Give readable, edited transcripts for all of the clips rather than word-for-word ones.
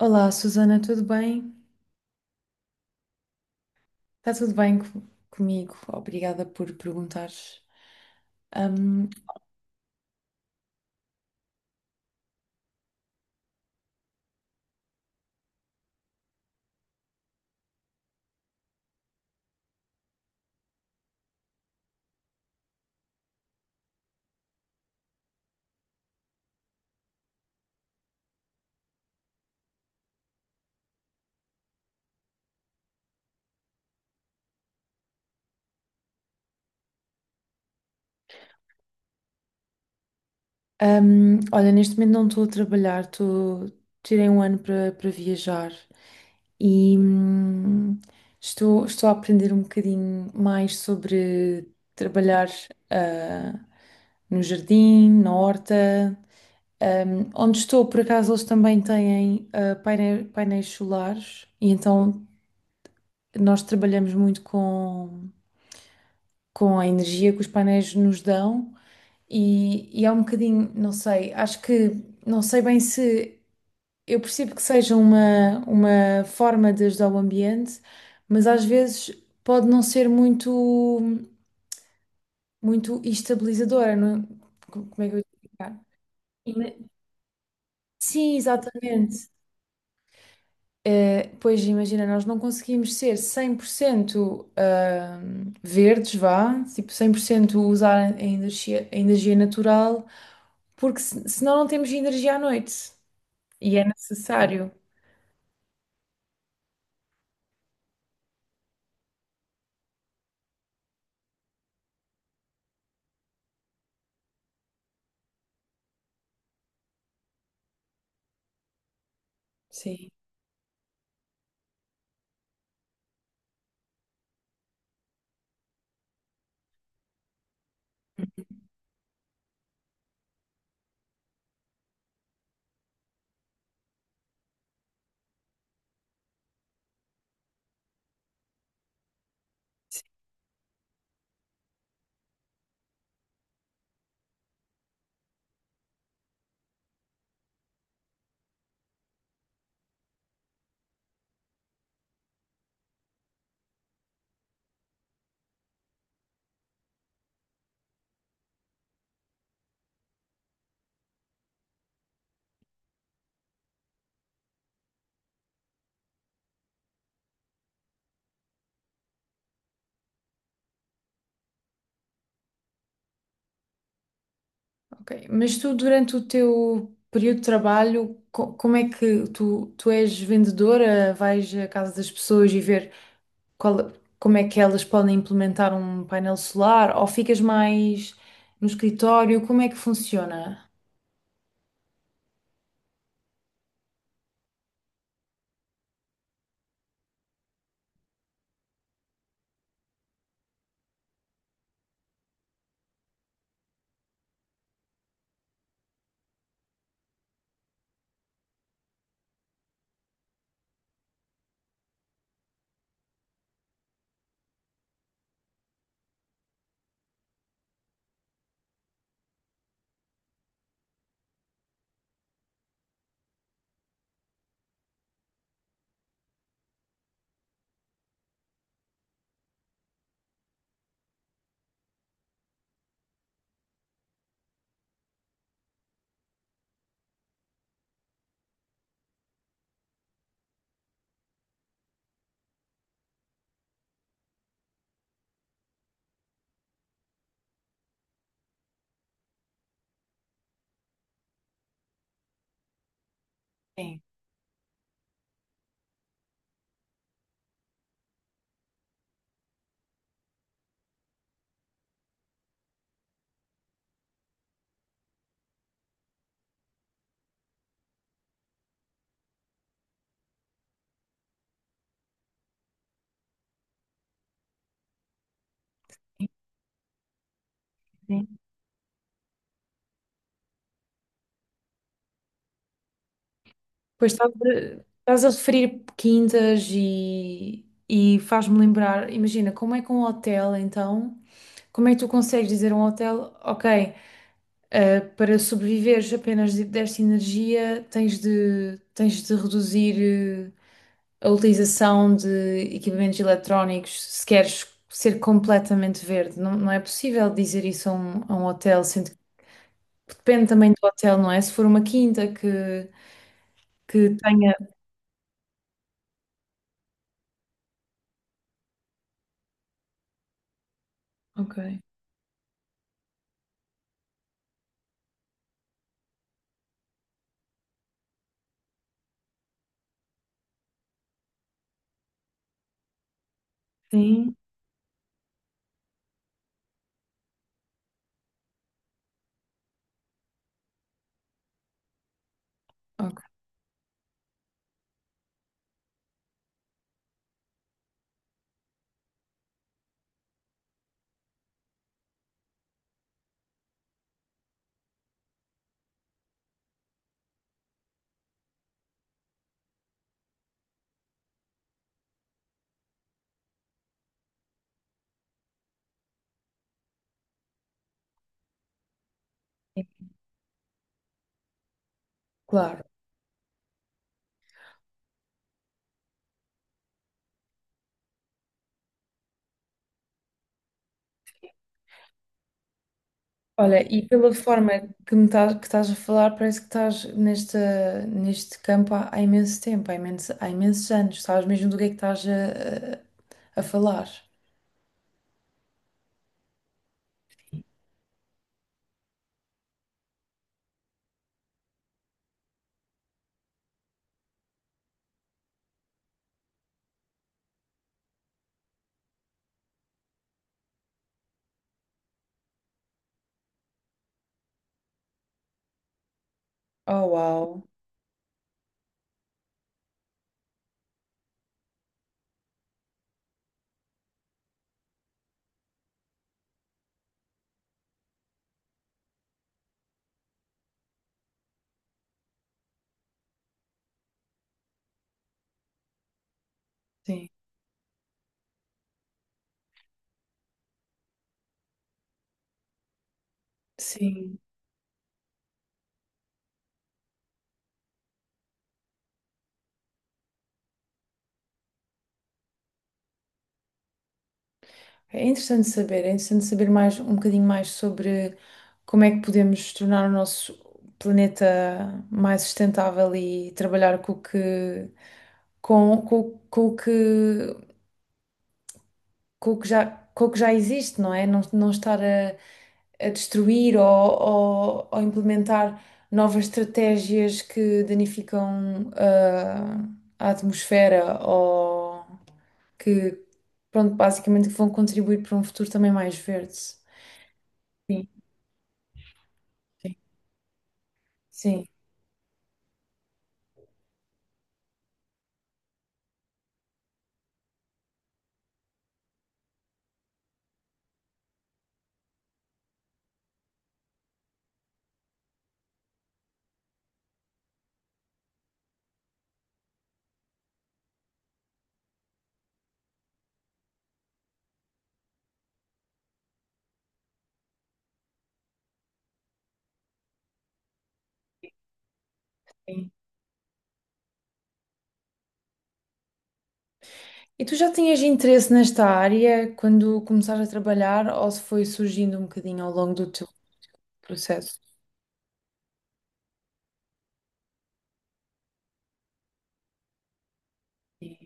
Olá, Susana, tudo bem? Está tudo bem comigo? Obrigada por perguntares. Ahm, olha, neste momento não estou a trabalhar, tirei um ano para viajar e estou a aprender um bocadinho mais sobre trabalhar ah, no jardim, na horta. Onde estou, por acaso, eles também têm painéis solares, e então nós trabalhamos muito com a energia que os painéis nos dão. E e, é um bocadinho, não sei, acho que não sei bem se eu percebo que seja uma forma de ajudar o ambiente, mas às vezes pode não ser muito estabilizadora, é? Como é que eu ia explicar? Ima- Sim, exatamente. Eh, pois imagina, nós não conseguimos ser 100% verdes, vá, tipo 100% usar a energia natural, porque senão não temos energia à noite e é necessário. Sim, ok. Mas tu, durante o teu período de trabalho, como é que tu és vendedora? Vais à casa das pessoas e ver qual- como é que elas podem implementar um painel solar? Ou ficas mais no escritório? Como é que funciona? Sim. Sim. Pois estás a referir quintas e faz-me lembrar, imagina, como é que um hotel, então, como é que tu consegues dizer a um hotel, ok, eh, para sobreviveres apenas desta energia, tens de reduzir eh, a utilização de equipamentos eletrónicos se queres ser completamente verde. Não, não é possível dizer isso a a um hotel, sendo que depende também do hotel, não é? Se for uma quinta que tenha. Ok. Sim, ok. Claro. Olha, e pela forma que que estás a falar, parece que estás nesta, neste campo há, há imenso tempo, há imenso, há imensos anos. Sabes mesmo do que é que a falar. Oh, uau. Sim, sim. É interessante saber mais, um bocadinho mais sobre como é que podemos tornar o nosso planeta mais sustentável e trabalhar com o que, com o que com o que com o que já existe, não é? Não, não estar a destruir ou implementar novas estratégias que danificam ah, a atmosfera ou que, pronto, basicamente que vão contribuir para um futuro também mais verde. Sim, sim, sim. Sim. E tu já tinhas interesse nesta área quando começaste a trabalhar ou se foi surgindo um bocadinho ao longo do teu processo? Sim,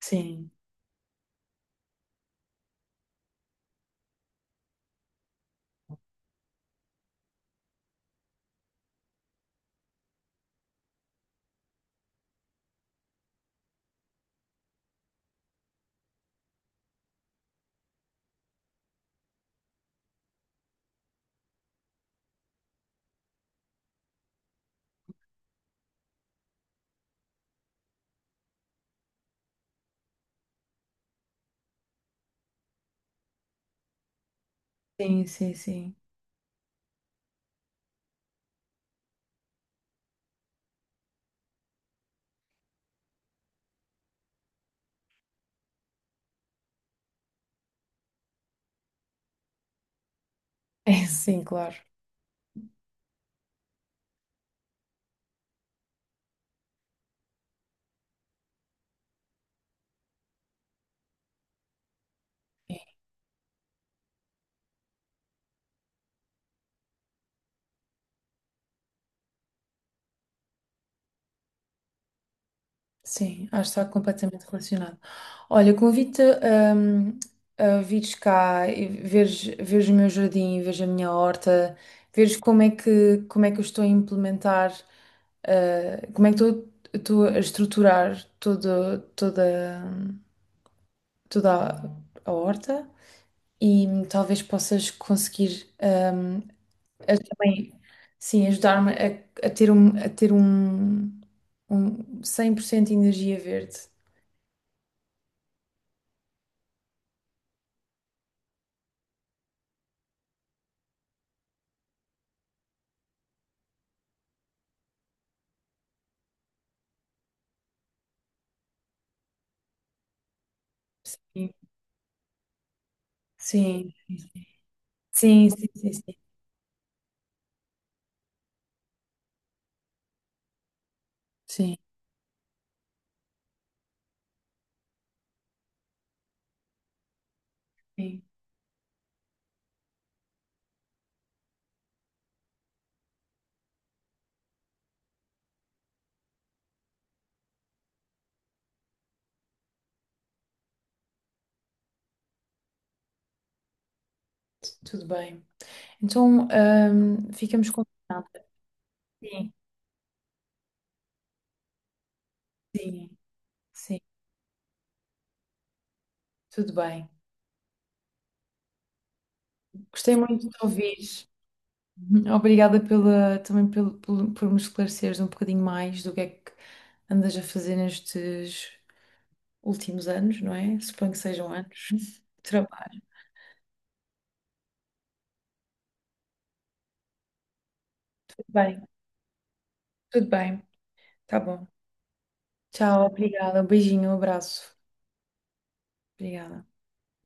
sim, sim, sim. Sim. É, sim, claro. É, sim, acho que está completamente relacionado. Olha, convido-te hum, a vires cá e veres o meu jardim, veres a minha horta, veres como é que eu estou a implementar, eh, como é que estou, estou a estruturar toda a horta e talvez possas conseguir hum, Bem, sim, ajudar-me a ter a ter um, um 100% de energia verde. Sim, sim, sim, sim, sim, sim, sim, sim. Tudo bem. Então, ficamos combinados. Sim, sim, sim, tudo bem. Gostei muito de te ouvir. Uhum. Obrigada pela, também pelo, por me esclareceres um bocadinho mais do que é que andas a fazer nestes últimos anos, não é? Suponho que sejam anos de trabalho. Bem. Tudo bem, tá bom. Tchau, obrigada. Um beijinho, um abraço. Obrigada.